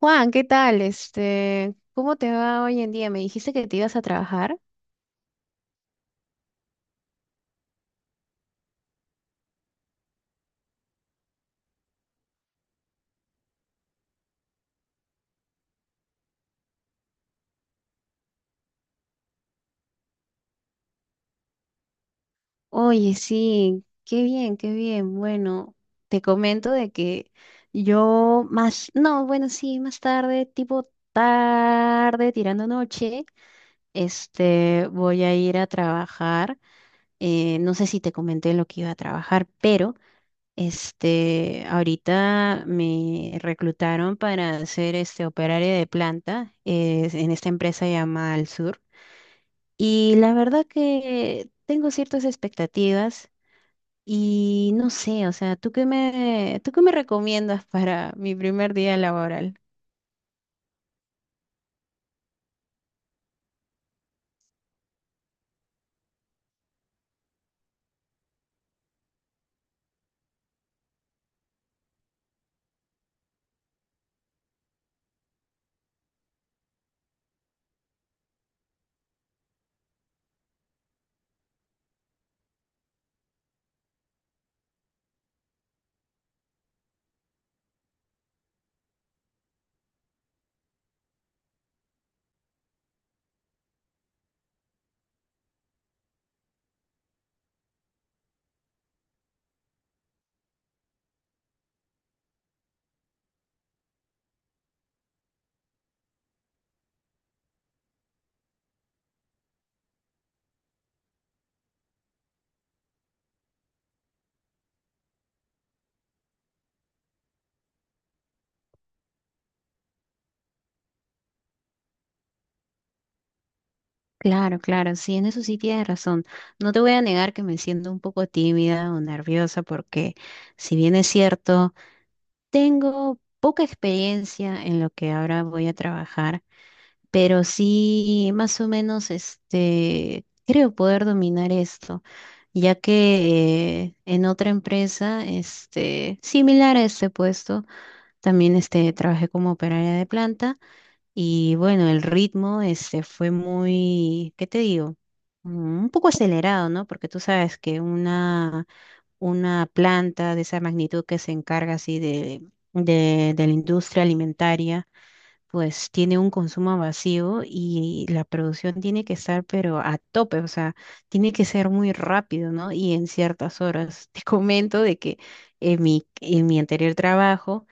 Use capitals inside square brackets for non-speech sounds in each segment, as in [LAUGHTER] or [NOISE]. Juan, ¿qué tal? ¿Cómo te va hoy en día? Me dijiste que te ibas a trabajar. Oye, sí, qué bien, qué bien. Bueno, te comento de que yo más, no, bueno, sí, más tarde, tipo tarde, tirando noche, voy a ir a trabajar. No sé si te comenté lo que iba a trabajar, pero ahorita me reclutaron para ser operaria de planta, en esta empresa llamada Al Sur. Y la verdad que tengo ciertas expectativas y no sé, o sea, ¿tú qué me recomiendas para mi primer día laboral? Claro, claro, sí, en eso sí tienes razón. No te voy a negar que me siento un poco tímida o nerviosa porque, si bien es cierto, tengo poca experiencia en lo que ahora voy a trabajar. Pero sí, más o menos, creo poder dominar esto, ya que en otra empresa, similar a este puesto, también trabajé como operaria de planta. Y bueno, el ritmo, fue muy, ¿qué te digo? Un poco acelerado, ¿no? Porque tú sabes que una planta de esa magnitud que se encarga así de la industria alimentaria, pues tiene un consumo vacío y la producción tiene que estar pero a tope, o sea, tiene que ser muy rápido, ¿no? Y en ciertas horas. [LAUGHS] Te comento de que en mi anterior trabajo,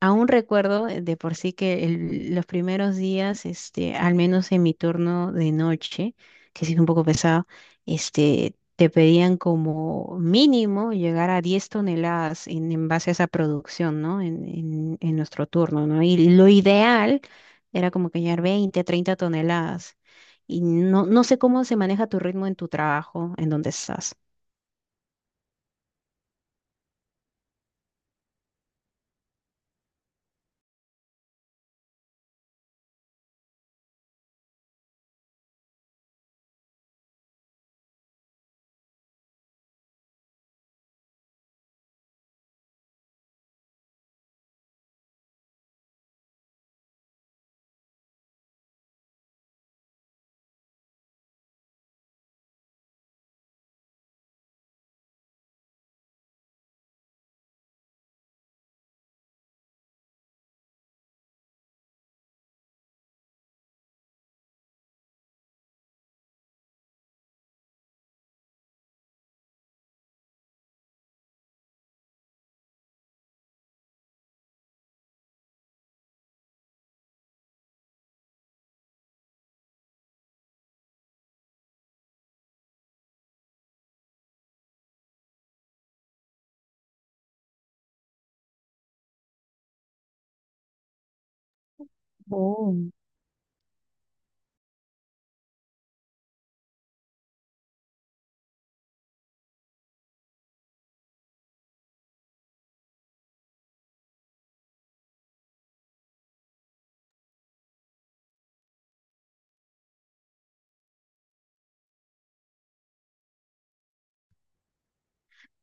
aún recuerdo, de por sí que los primeros días, al menos en mi turno de noche, que sí es un poco pesado, te pedían como mínimo llegar a 10 toneladas en base a esa producción, ¿no? En nuestro turno, ¿no? Y lo ideal era como que llegar 20, 30 toneladas. Y no, no sé cómo se maneja tu ritmo en tu trabajo, en donde estás.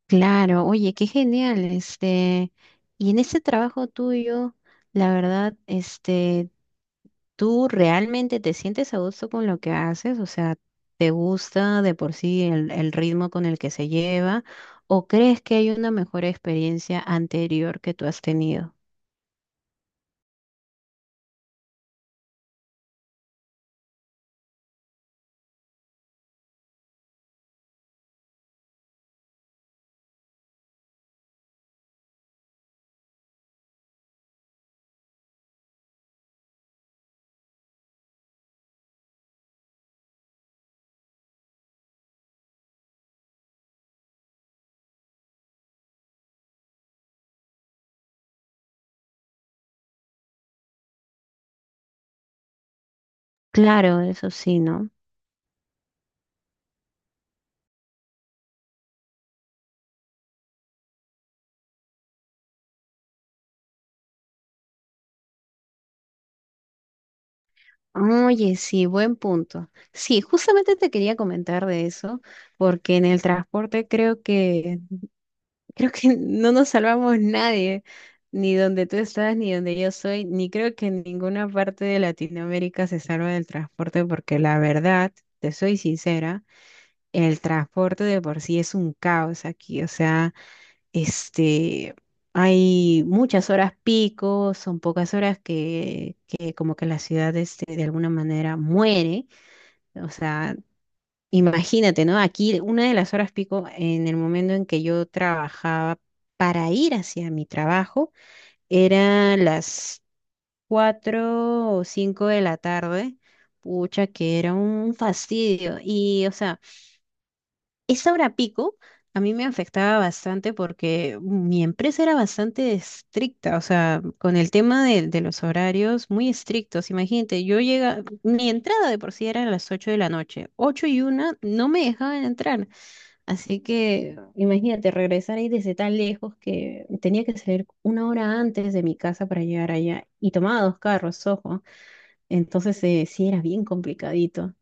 Claro, oye, qué genial, y en ese trabajo tuyo, la verdad, ¿tú realmente te sientes a gusto con lo que haces? O sea, ¿te gusta de por sí el ritmo con el que se lleva? ¿O crees que hay una mejor experiencia anterior que tú has tenido? Claro, eso sí, ¿no? Oye, sí, buen punto. Sí, justamente te quería comentar de eso, porque en el transporte creo que no nos salvamos nadie, ni donde tú estás, ni donde yo soy, ni creo que en ninguna parte de Latinoamérica se salva del transporte, porque la verdad, te soy sincera, el transporte de por sí es un caos aquí, o sea, este, hay muchas horas pico, son pocas horas que como que la ciudad, de alguna manera muere, o sea, imagínate, ¿no? Aquí una de las horas pico en el momento en que yo trabajaba para ir hacia mi trabajo era las 4 o 5 de la tarde. Pucha, que era un fastidio. Y, o sea, esa hora pico a mí me afectaba bastante porque mi empresa era bastante estricta, o sea, con el tema de los horarios muy estrictos. Imagínate, mi entrada de por sí era a las 8 de la noche, 8:01 no me dejaban entrar. Así que imagínate regresar ahí desde tan lejos que tenía que salir 1 hora antes de mi casa para llegar allá y tomaba dos carros, ojo. Entonces, sí era bien complicadito.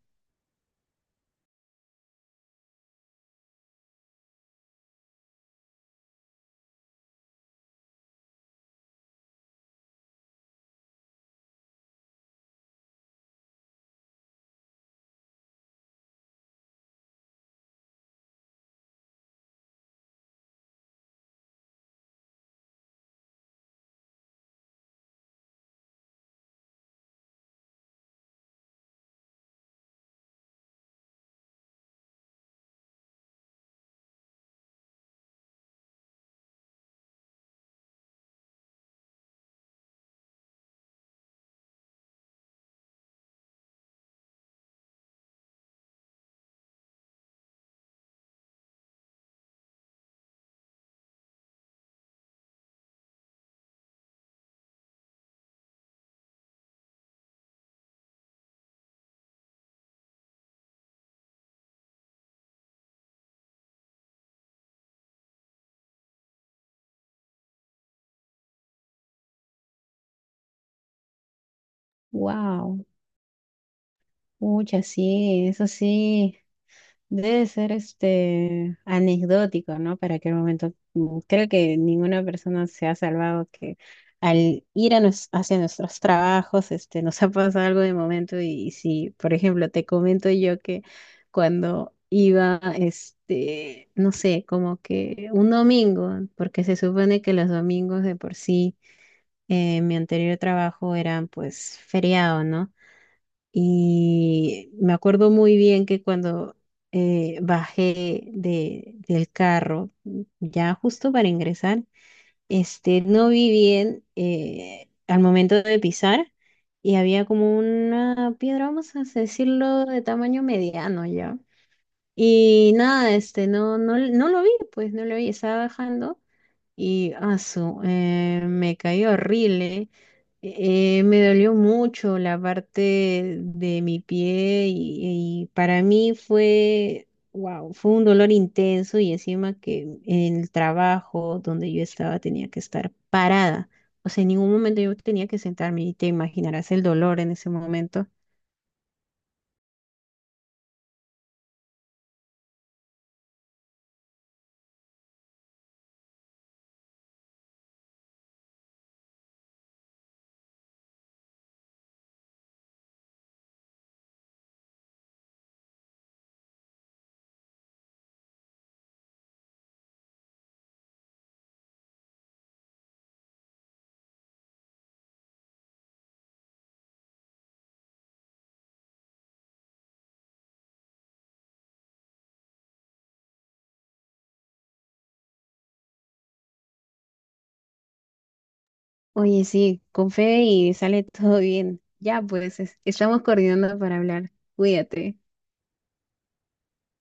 Wow, muchas sí, eso sí. Debe ser anecdótico, ¿no? Para aquel momento. Creo que ninguna persona se ha salvado que al ir a hacia nuestros trabajos, nos ha pasado algo de momento. Y, si, por ejemplo, te comento yo que cuando iba, no sé, como que un domingo, porque se supone que los domingos de por sí, en mi anterior trabajo eran pues feriado, ¿no? Y me acuerdo muy bien que cuando, bajé del carro, ya justo para ingresar, no vi bien, al momento de pisar y había como una piedra, vamos a decirlo, de tamaño mediano ya. Y nada, no, no, no lo vi, pues no lo vi, estaba bajando y asu, me caí horrible. Me dolió mucho la parte de mi pie y para mí fue, wow, fue un dolor intenso y encima que en el trabajo donde yo estaba tenía que estar parada. O sea, en ningún momento yo tenía que sentarme y te imaginarás el dolor en ese momento. Oye, sí, con fe y sale todo bien. Ya, pues estamos coordinando para hablar. Cuídate.